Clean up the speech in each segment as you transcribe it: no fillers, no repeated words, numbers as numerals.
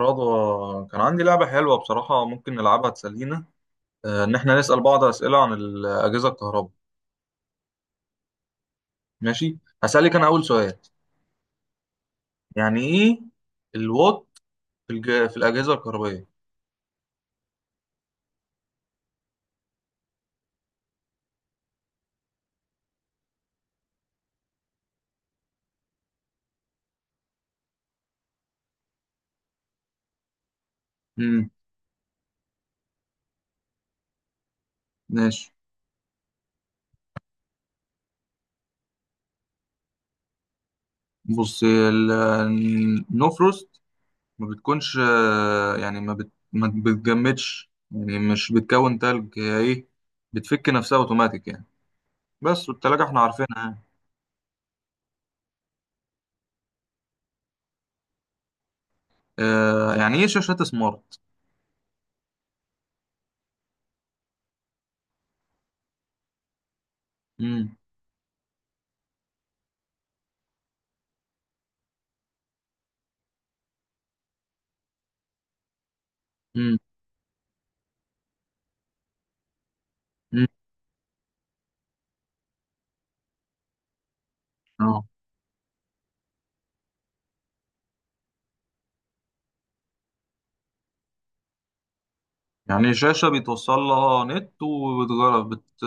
رضوى، كان عندي لعبة حلوة بصراحة، ممكن نلعبها تسلينا؟ إن إحنا نسأل بعض أسئلة عن الأجهزة الكهرباء. ماشي. هسألك أنا أول سؤال. يعني إيه الوات في الأجهزة الكهربائية؟ مم. ماشي. بص النو فروست ما بتكونش، يعني ما بتجمدش، يعني مش بتكون تلج، هي إيه، بتفك نفسها أوتوماتيك يعني. بس والتلاجة إحنا عارفينها يعني. يعني إيه شاشات سمارت؟ مم. مم. مم. آه. يعني شاشة بيتوصل لها نت وبتجرب بت...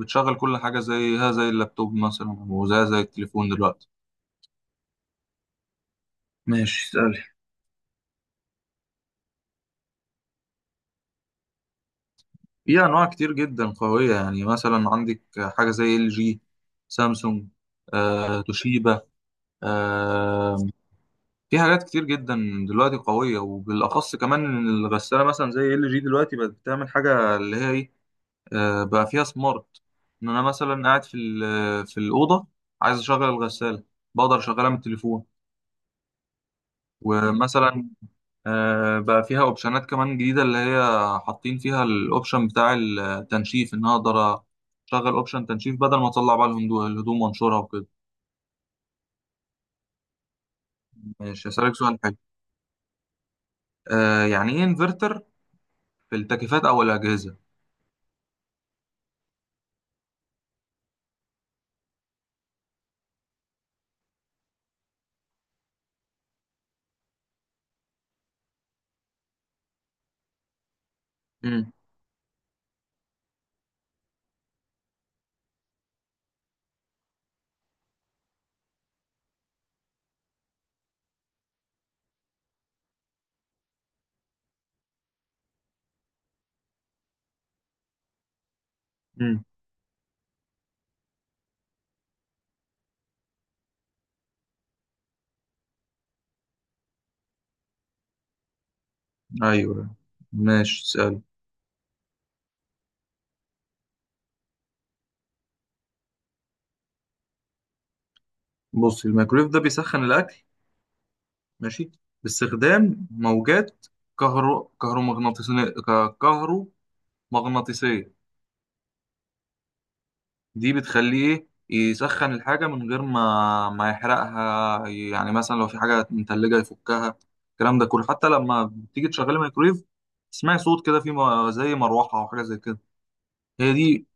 بتشغل كل حاجة زيها زي اللابتوب مثلا وزيها زي التليفون دلوقتي. ماشي اسألي. في أنواع كتير جدا قوية، يعني مثلا عندك حاجة زي ال جي، سامسونج، توشيبا، آه، في حاجات كتير جدا دلوقتي قوية، وبالأخص كمان إن الغسالة مثلا زي ال جي دلوقتي بقت بتعمل حاجة اللي هي إيه، بقى فيها سمارت. ان انا مثلا قاعد في الاوضه، عايز اشغل الغساله، بقدر اشغلها من التليفون. ومثلا بقى فيها اوبشنات كمان جديده اللي هي حاطين فيها الاوبشن بتاع التنشيف، ان انا اقدر اشغل اوبشن تنشيف بدل ما اطلع بقى الهدوم وانشرها وكده. ماشي، هسألك سؤال حلو. يعني ايه انفرتر في التكييفات او الاجهزه؟ امم. امم. ايوه. ماشي سأل. بص الميكرويف ده بيسخن الاكل، ماشي، باستخدام موجات كهرو كهرومغناطيسية كهرومغناطيسية. دي بتخليه ايه، يسخن الحاجة من غير ما يحرقها، يعني مثلا لو في حاجة متلجة يفكها. الكلام ده كله حتى لما بتيجي تشغلي الميكرويف تسمعي صوت كده زي مروحة أو حاجة زي كده. هي دي.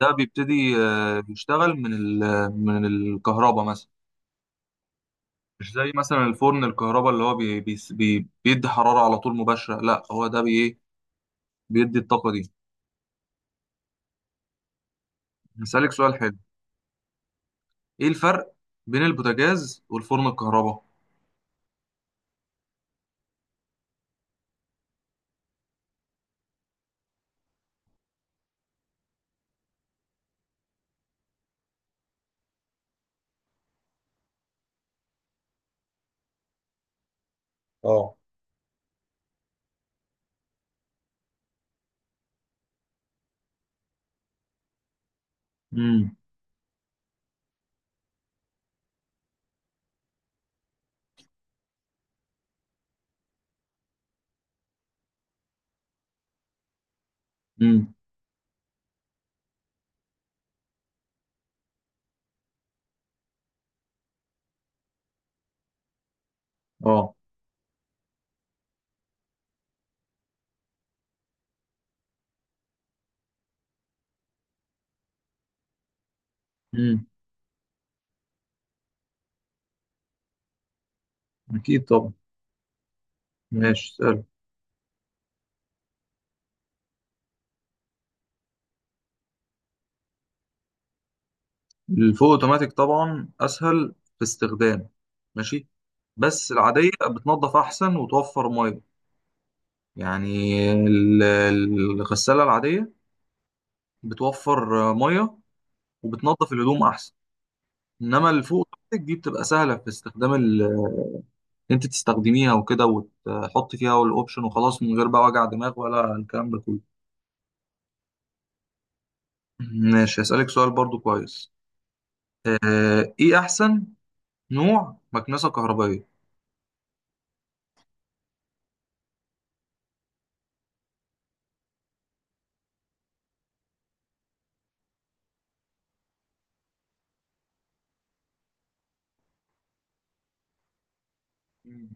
ده بيبتدي يشتغل من الكهرباء مثلا. مش زي مثلا الفرن الكهرباء اللي هو بيدي حرارة على طول مباشرة، لا هو ده بيدي الطاقة دي. هسألك سؤال حلو. ايه الفرق بين البوتاجاز والفرن الكهرباء؟ اه. امم. امم. اه. امم. اكيد طبعا. ماشي سأل. الفول اوتوماتيك طبعا اسهل في استخدام، ماشي، بس العادية بتنظف احسن وتوفر ميه. يعني ال- ال- الغسالة العادية بتوفر ميه وبتنظف الهدوم احسن. انما الفول اوتوماتيك دي بتبقى سهلة في استخدام، انت تستخدميها وكده وتحطي فيها الاوبشن وخلاص من غير بقى وجع دماغ ولا الكلام ده كله. ماشي هسألك سؤال برضو كويس. ايه احسن نوع مكنسة كهربائية؟ مم.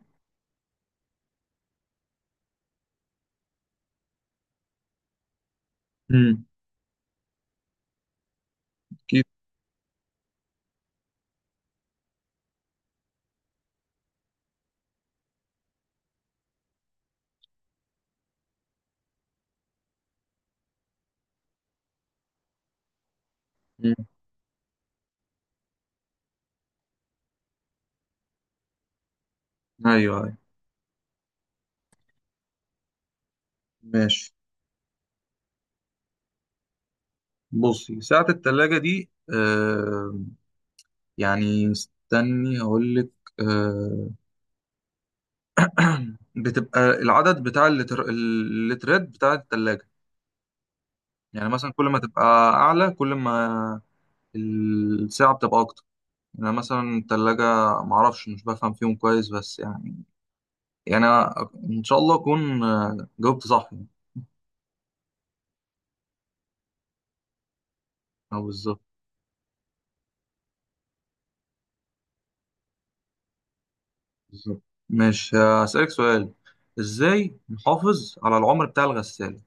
امم. اكيد. مم. ايوه ايوه. ماشي. بصي ساعة التلاجة دي، يعني استني هقول لك. آه بتبقى العدد بتاع اللترات بتاع التلاجة. يعني مثلا كل ما تبقى اعلى كل ما الساعة بتبقى اكتر. يعني انا مثلا التلاجة معرفش مش بفهم فيهم كويس بس يعني. يعني أنا ان شاء الله اكون جاوبت صح يعني. او بالظبط. بالظبط. مش، هسألك سؤال. ازاي نحافظ على العمر بتاع الغسالة؟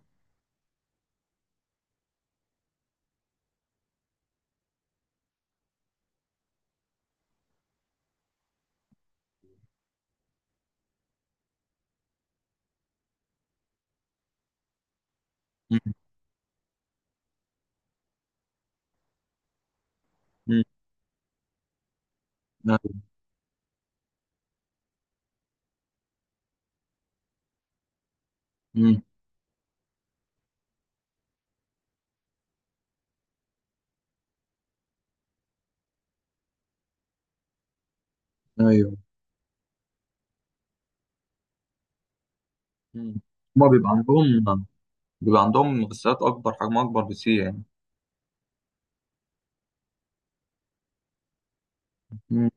مم. مم. أيوه. مم. أيوه. مم. هما بيبقى عندهم غسالات أكبر، حجمها أكبر بكتير يعني. مم.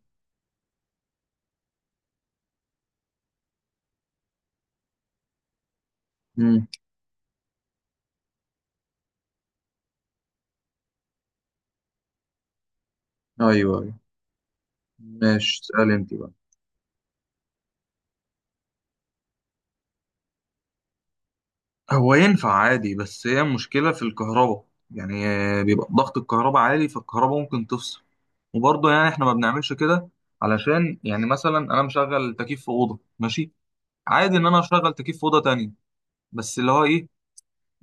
مم. أيوه أيوه. ماشي اسأل أنت بقى. هو ينفع عادي بس هي المشكلة في الكهرباء، يعني بيبقى ضغط الكهرباء عالي فالكهرباء ممكن تفصل، وبرضه يعني احنا ما بنعملش كده. علشان يعني مثلا انا مشغل تكييف في أوضة، ماشي عادي ان انا اشغل تكييف في أوضة تانية، بس اللي هو ايه،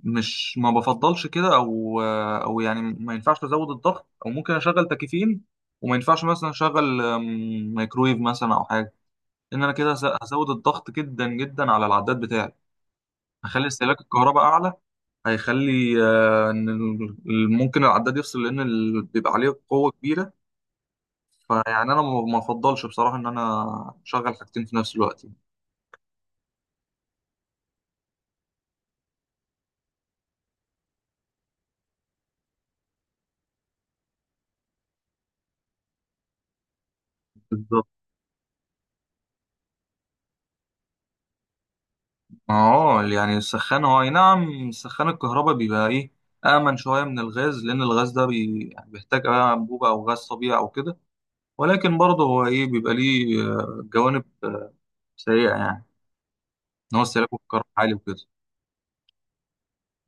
مش ما بفضلش كده او يعني ما ينفعش ازود الضغط او ممكن اشغل تكييفين. وما ينفعش مثلا اشغل مايكرويف مثلا او حاجة، ان انا كده هزود الضغط جدا جدا على العداد بتاعي. هخلي استهلاك الكهرباء اعلى، هيخلي ان ممكن العداد يفصل لان بيبقى عليه قوه كبيره. فيعني انا ما افضلش بصراحه ان انا اشغل حاجتين في نفس الوقت. بالظبط اه. يعني السخان هو أي نعم، سخان الكهرباء بيبقى ايه، امن شويه من الغاز لان الغاز ده يعني بيحتاج بقى انبوبه او غاز طبيعي او كده. ولكن برضه هو ايه بيبقى ليه جوانب سيئه يعني، ان هو استهلاكه في الكهرباء عالي وكده.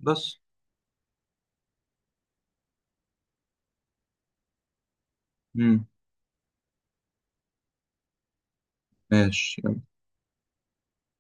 بس. امم. ماشي.